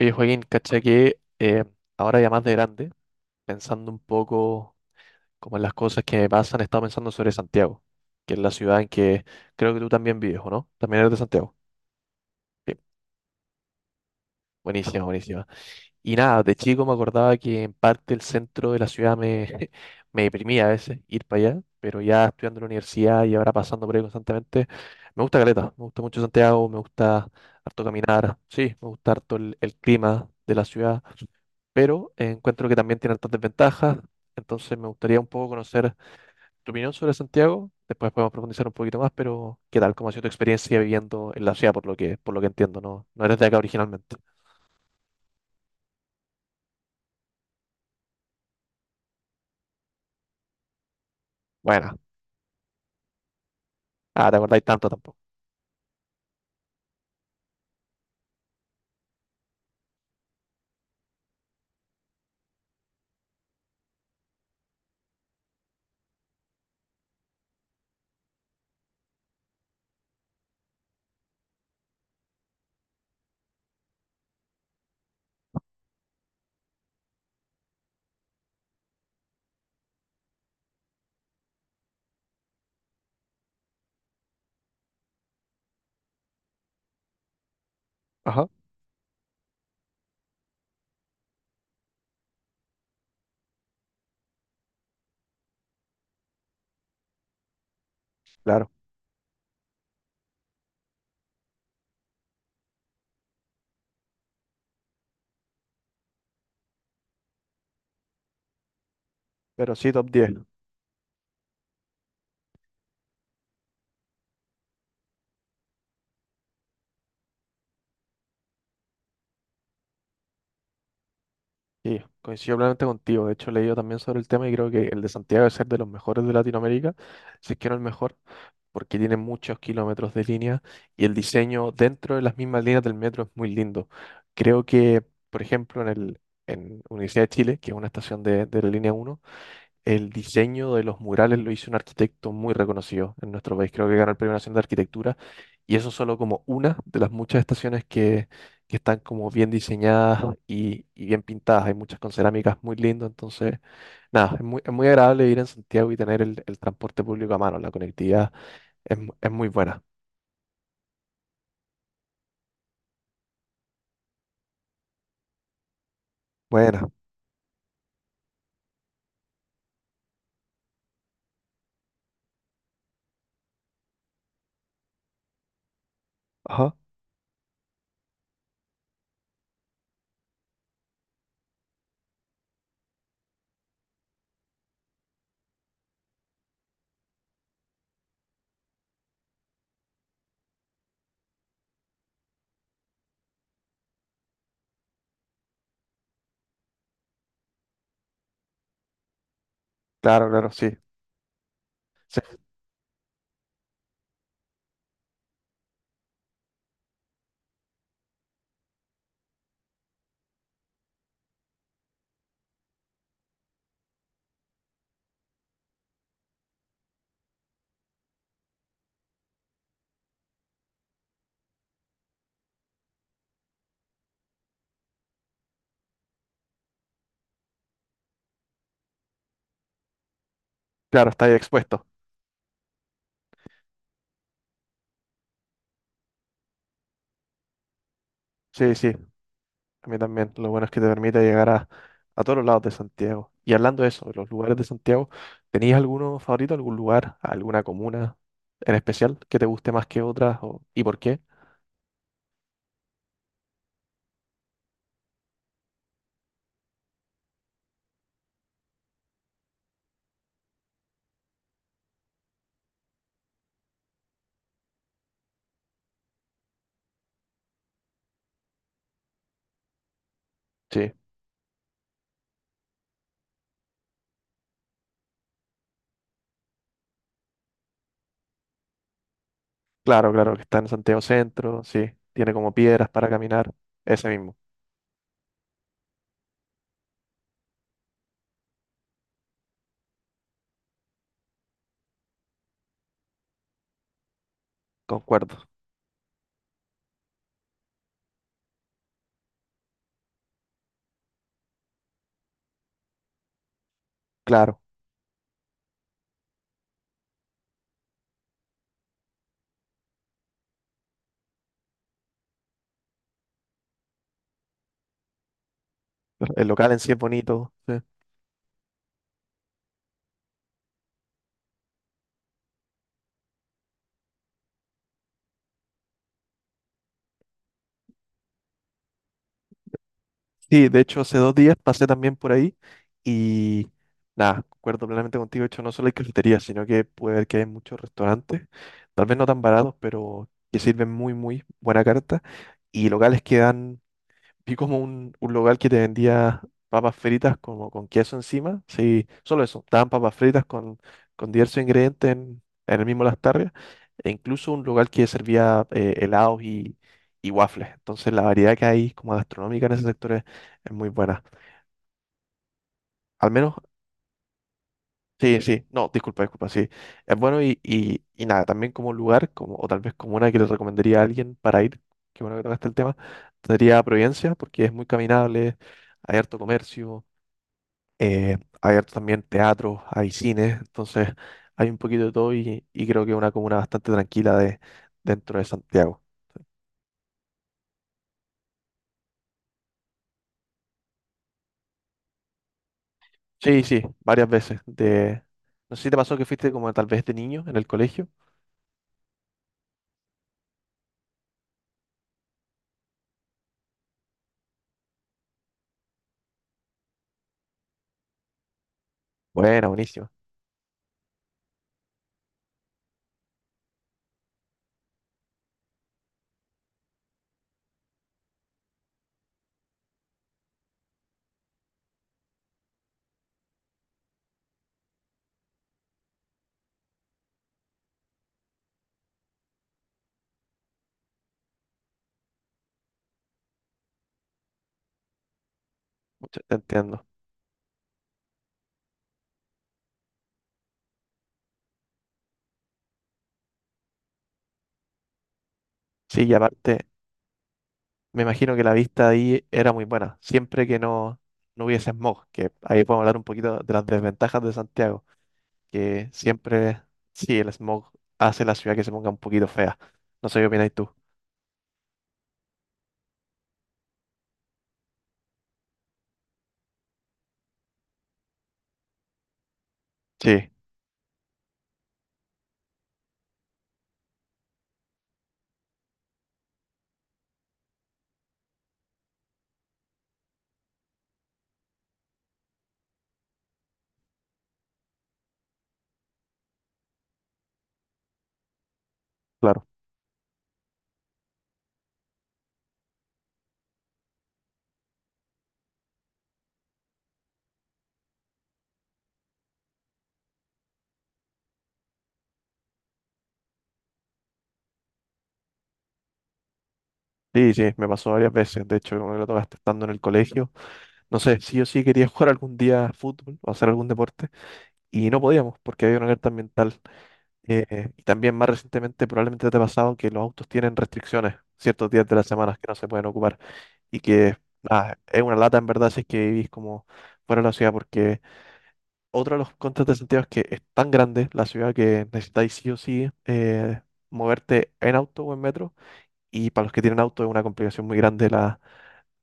Oye, Joaquín, cacha que ahora ya más de grande, pensando un poco como en las cosas que me pasan, he estado pensando sobre Santiago, que es la ciudad en que creo que tú también vives, ¿o no? También eres de Santiago. Bien, buenísima, buenísima. Y nada, de chico me acordaba que en parte el centro de la ciudad me, me deprimía a veces ir para allá, pero ya estudiando en la universidad y ahora pasando por ahí constantemente, me gusta Caleta, me gusta mucho Santiago, me gusta harto caminar, sí, me gusta harto el clima de la ciudad. Pero encuentro que también tiene altas desventajas. Entonces me gustaría un poco conocer tu opinión sobre Santiago. Después podemos profundizar un poquito más, pero ¿qué tal? ¿Cómo ha sido tu experiencia viviendo en la ciudad, por lo que entiendo? No, no eres de acá originalmente. Bueno, ah, te acordáis tanto tampoco. Ajá, claro. Pero sí, top 10. Sí, coincido plenamente contigo. De hecho, he leído también sobre el tema y creo que el de Santiago es ser de los mejores de Latinoamérica, si es que no el mejor. Porque tiene muchos kilómetros de línea y el diseño dentro de las mismas líneas del metro es muy lindo. Creo que, por ejemplo, en el, en Universidad de Chile, que es una estación de la línea uno, el diseño de los murales lo hizo un arquitecto muy reconocido en nuestro país. Creo que ganó el Premio Nacional de Arquitectura y eso es solo como una de las muchas estaciones que están como bien diseñadas y bien pintadas. Hay muchas con cerámicas muy lindas, entonces... Nada, es muy agradable ir en Santiago y tener el transporte público a mano, la conectividad es, mu- es muy buena. Buena. Ajá. Claro, claro, sí. Sí, claro, está ahí expuesto. Sí, sí. A mí también. Lo bueno es que te permite llegar a todos los lados de Santiago. Y hablando de eso, de los lugares de Santiago, ¿tenías alguno favorito, algún lugar, alguna comuna en especial que te guste más que otras? O, ¿y por qué? Sí. Claro, claro, que está en Santiago Centro, sí. Tiene como piedras para caminar. Ese mismo. Concuerdo. Claro. El local en sí es bonito. Sí. Sí, de hecho, hace 2 días pasé también por ahí y nada, concuerdo plenamente contigo. De hecho, no solo hay cafeterías, sino que puede ver que hay muchos restaurantes, tal vez no tan baratos, pero que sirven muy, muy buena carta y locales que dan, vi como un local que te vendía papas fritas como con queso encima. Sí, solo eso. Estaban papas fritas con diversos ingredientes en el mismo Las. E incluso un local que servía helados y waffles. Entonces la variedad que hay como gastronómica en ese sector es muy buena. Al menos, sí, sí. No, disculpa, disculpa, sí. Es bueno y nada, también como lugar, como, o tal vez como una que le recomendaría a alguien para ir, qué bueno que tocaste el tema, sería Providencia, porque es muy caminable, hay harto comercio, hay harto también teatro, hay cines, entonces hay un poquito de todo y creo que es una comuna bastante tranquila de, dentro de Santiago. Sí, sí, varias veces. De, no sé si te pasó que fuiste como tal vez de niño en el colegio. Bueno, buenísimo. Mucho- Te entiendo. Sí, y aparte, me imagino que la vista ahí era muy buena, siempre que no, no hubiese smog, que ahí podemos hablar un poquito de las desventajas de Santiago, que siempre, sí, el smog hace la ciudad que se ponga un poquito fea. No sé qué opinas tú. Sí. Claro. Sí, sí, me pasó varias veces. De hecho, como me lo tocaste estando en el colegio, no sé, sí o sí quería jugar algún día fútbol o hacer algún deporte y no podíamos porque había una alerta ambiental. Y también más recientemente probablemente te ha pasado que los autos tienen restricciones ciertos días de la semana que no se pueden ocupar y que nada, es una lata en verdad si es que vivís como fuera de la ciudad porque otro de los contras de Santiago es que es tan grande la ciudad que necesitáis sí o sí moverte en auto o en metro y para los que tienen auto es una complicación muy grande la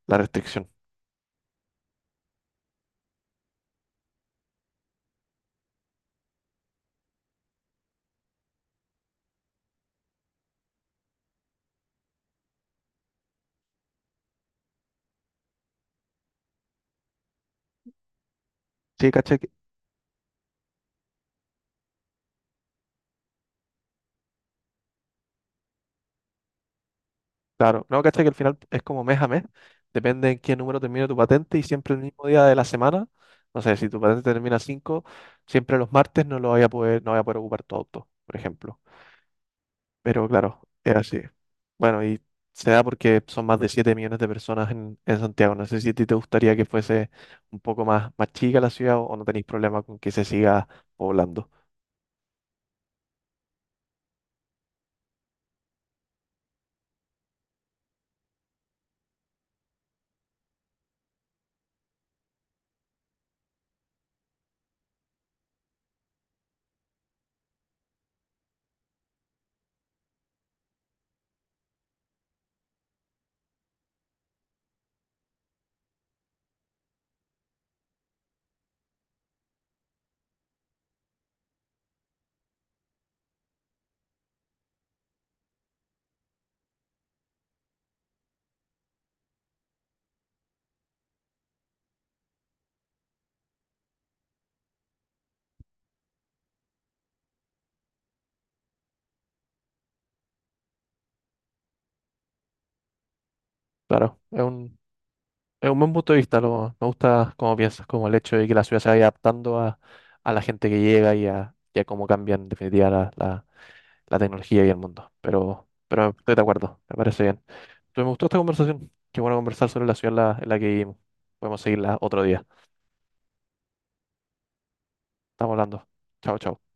la restricción. Sí, caché que... claro. No, caché que al final es como mes a mes. Depende en qué número termine tu patente y siempre el mismo día de la semana. No sé, si tu patente termina 5, siempre los martes no lo voy a poder, no voy a poder ocupar tu auto, por ejemplo. Pero claro, es así. Bueno, y se da porque son más de 7 millones de personas en Santiago. No sé si a ti te gustaría que fuese un poco más, más chica la ciudad o no tenéis problema con que se siga poblando. Claro, es un... Es un buen punto de vista, lo, me gusta cómo piensas, como el hecho de que la ciudad se vaya adaptando a la gente que llega y a cómo cambia en definitiva la, la... la tecnología y el mundo. Pero estoy de acuerdo, me parece bien. Entonces, me gustó esta conversación. Qué bueno conversar sobre la ciudad en la que vivimos. Podemos seguirla otro día. Estamos hablando. Chao, chao.